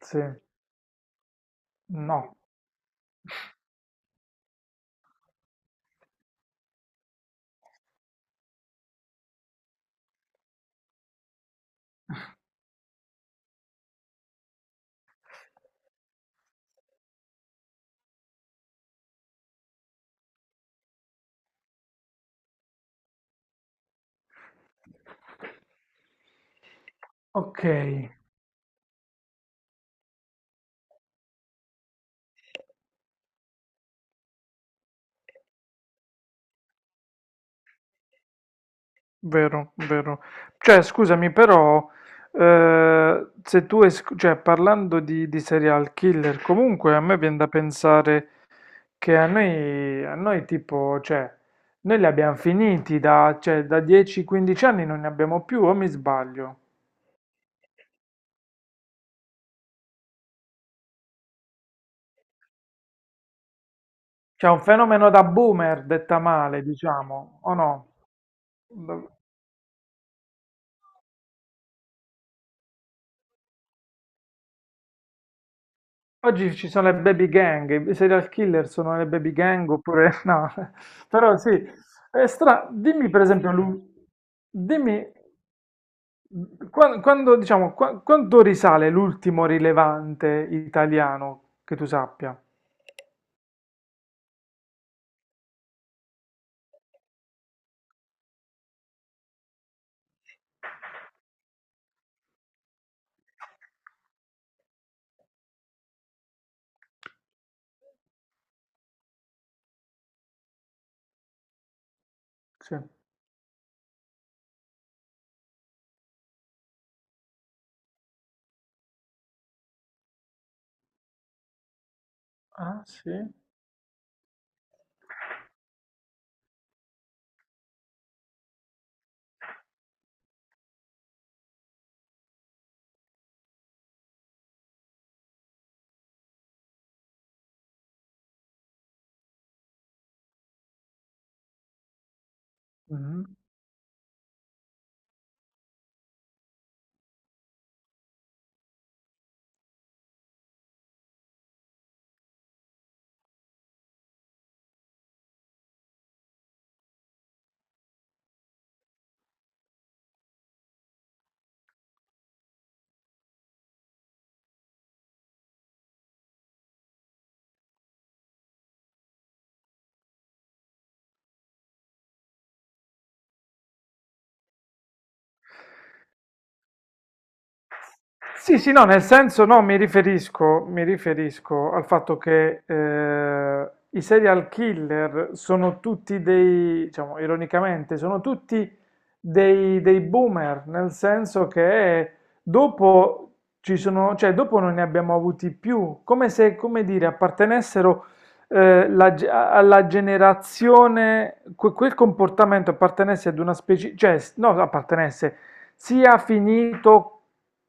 Sì, no, ok, vero, vero. Cioè, scusami, però, se tu, cioè, parlando di serial killer, comunque a me viene da pensare che a noi tipo, cioè, noi li abbiamo finiti da, cioè, da 10-15 anni non ne abbiamo più, o mi sbaglio? C'è un fenomeno da boomer, detta male, diciamo, o no? Oggi ci sono le baby gang, i serial killer sono le baby gang oppure no, però sì, dimmi per esempio, dimmi quando, diciamo, quanto risale l'ultimo rilevante italiano che tu sappia? Sì. Ah sì? Mhm. Sì, sì, no, nel senso no, mi riferisco al fatto che i serial killer sono tutti dei, diciamo, ironicamente, sono tutti dei boomer, nel senso che dopo ci sono, cioè dopo non ne abbiamo avuti più, come se, come dire, appartenessero alla generazione, quel comportamento appartenesse ad una specie, cioè, no, appartenesse sia finito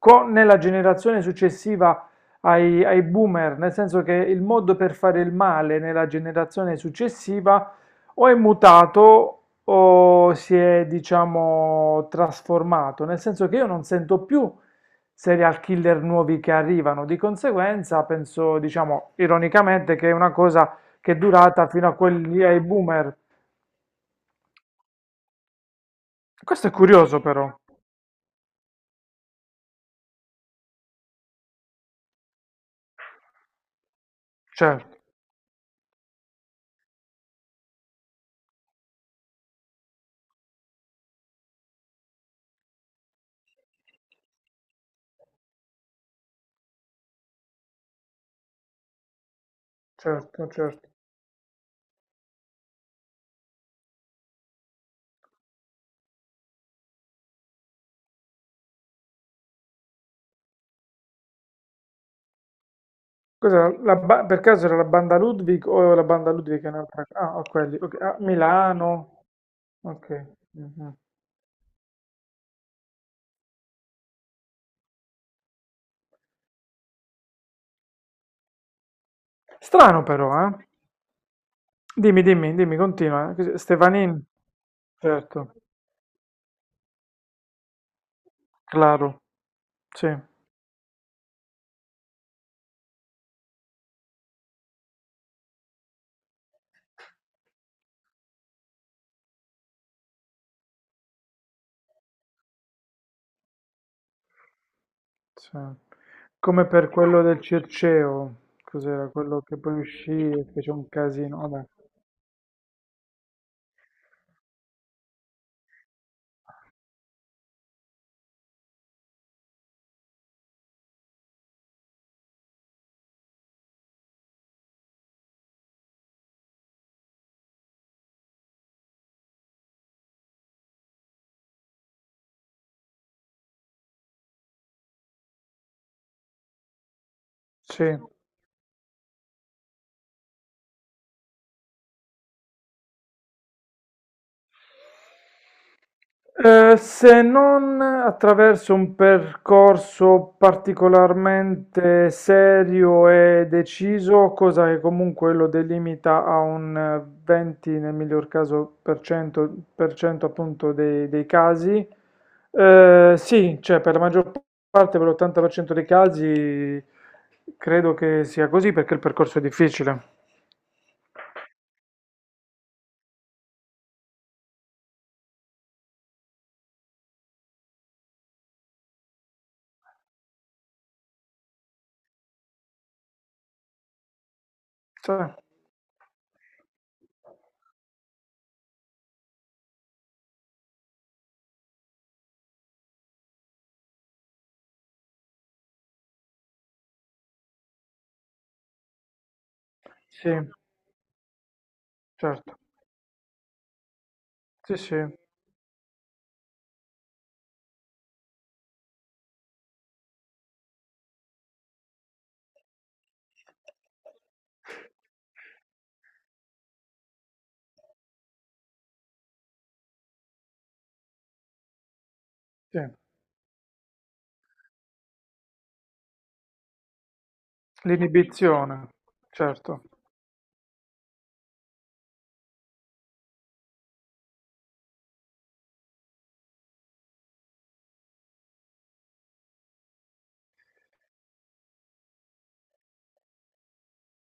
Co nella generazione successiva ai boomer, nel senso che il modo per fare il male nella generazione successiva o è mutato o si è, diciamo, trasformato, nel senso che io non sento più serial killer nuovi che arrivano, di conseguenza penso, diciamo, ironicamente che è una cosa che è durata fino a quelli ai boomer. Questo è curioso però. Certo, certo, certo. Cos'era per caso era la banda Ludwig o la banda Ludwig è un'altra? Ah, ho quelli. Ok. Ah, Milano. Ok. Mhm. Strano però, eh? Dimmi, dimmi, dimmi, continua. Eh. Stefanin, certo, claro, sì, sì. Come per quello del Circeo, cos'era quello che poi uscì e fece un casino? Vabbè. Sì. Se non attraverso un percorso particolarmente serio e deciso, cosa che comunque lo delimita a un 20, nel miglior caso, per cento appunto dei casi, sì, cioè per la maggior parte, per l'80% dei casi, credo che sia così perché il percorso è difficile. Cioè, sì, certo, sì, sì. Sì, l'inibizione, certo.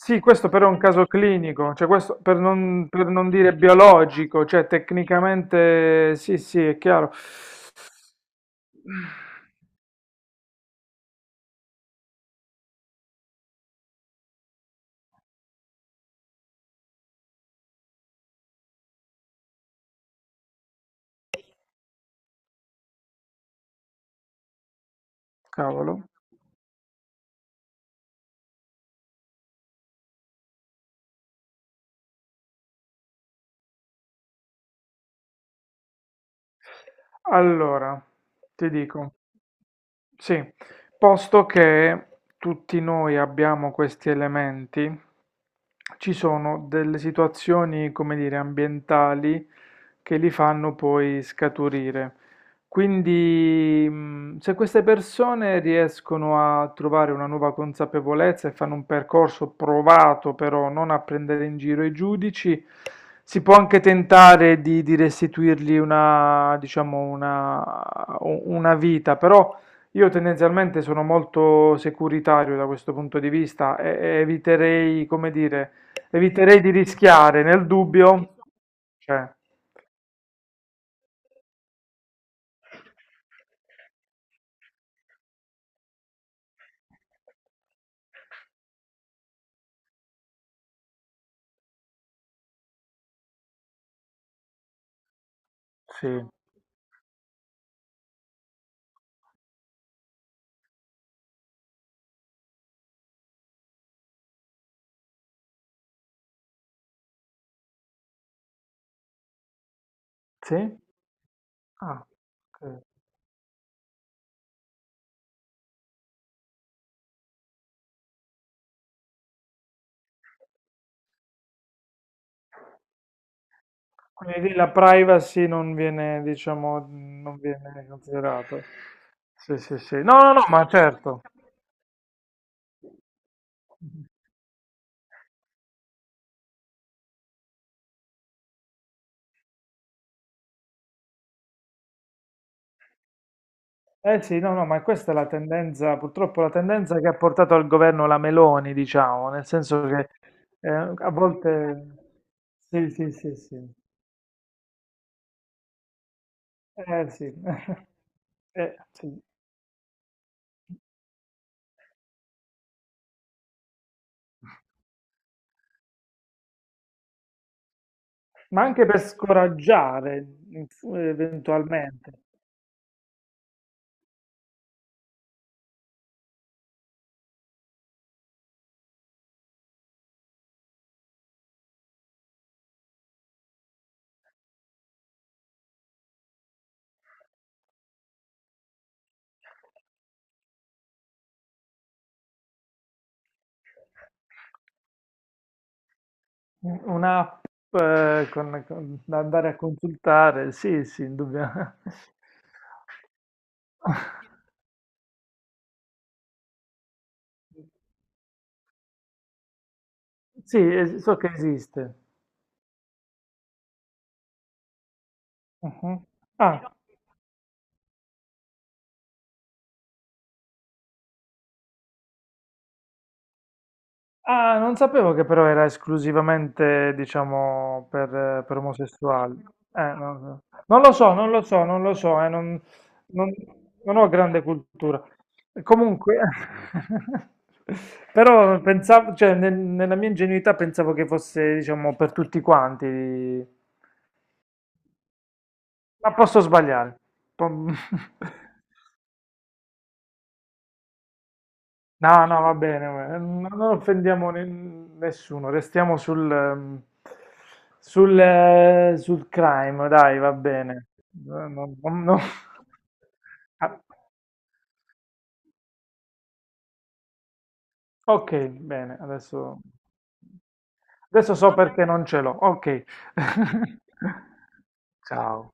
Sì, questo però è un caso clinico, cioè questo per non dire biologico, cioè tecnicamente sì, sì, è chiaro. Cavolo. Allora, ti dico, sì, posto che tutti noi abbiamo questi elementi, ci sono delle situazioni, come dire, ambientali che li fanno poi scaturire. Quindi, se queste persone riescono a trovare una nuova consapevolezza e fanno un percorso provato, però non a prendere in giro i giudici, si può anche tentare di restituirgli una, diciamo, una vita, però io tendenzialmente sono molto securitario da questo punto di vista e eviterei, come dire, eviterei di rischiare nel dubbio, cioè. Sì, sì? Ah, ok. Quindi lì la privacy non viene, diciamo, non viene considerata. Sì, sì, sì. No, no, no, ma certo. Eh sì, no, no, ma questa è la tendenza, purtroppo la tendenza che ha portato al governo la Meloni, diciamo, nel senso che a volte. Sì, sì, sì, sì. Eh sì. Sì. Ma anche per scoraggiare eventualmente. Un'app da andare a consultare, sì, sì, indubbiamente. Sì, so che esiste. Mhm. Ah. Ah, non sapevo che però era esclusivamente, diciamo, per omosessuali. Non lo so. Non lo so, non lo so, non lo so, non- non ho grande cultura. Comunque, però pensavo, cioè, nella mia ingenuità pensavo che fosse, diciamo, per tutti quanti. Ma posso sbagliare. Po- No, no, va bene, non offendiamo nessuno, restiamo sul crime, dai, va bene. Eh, non- non- non- Ah, ok, bene, adesso. Adesso so perché non ce l'ho. Ok. Ciao.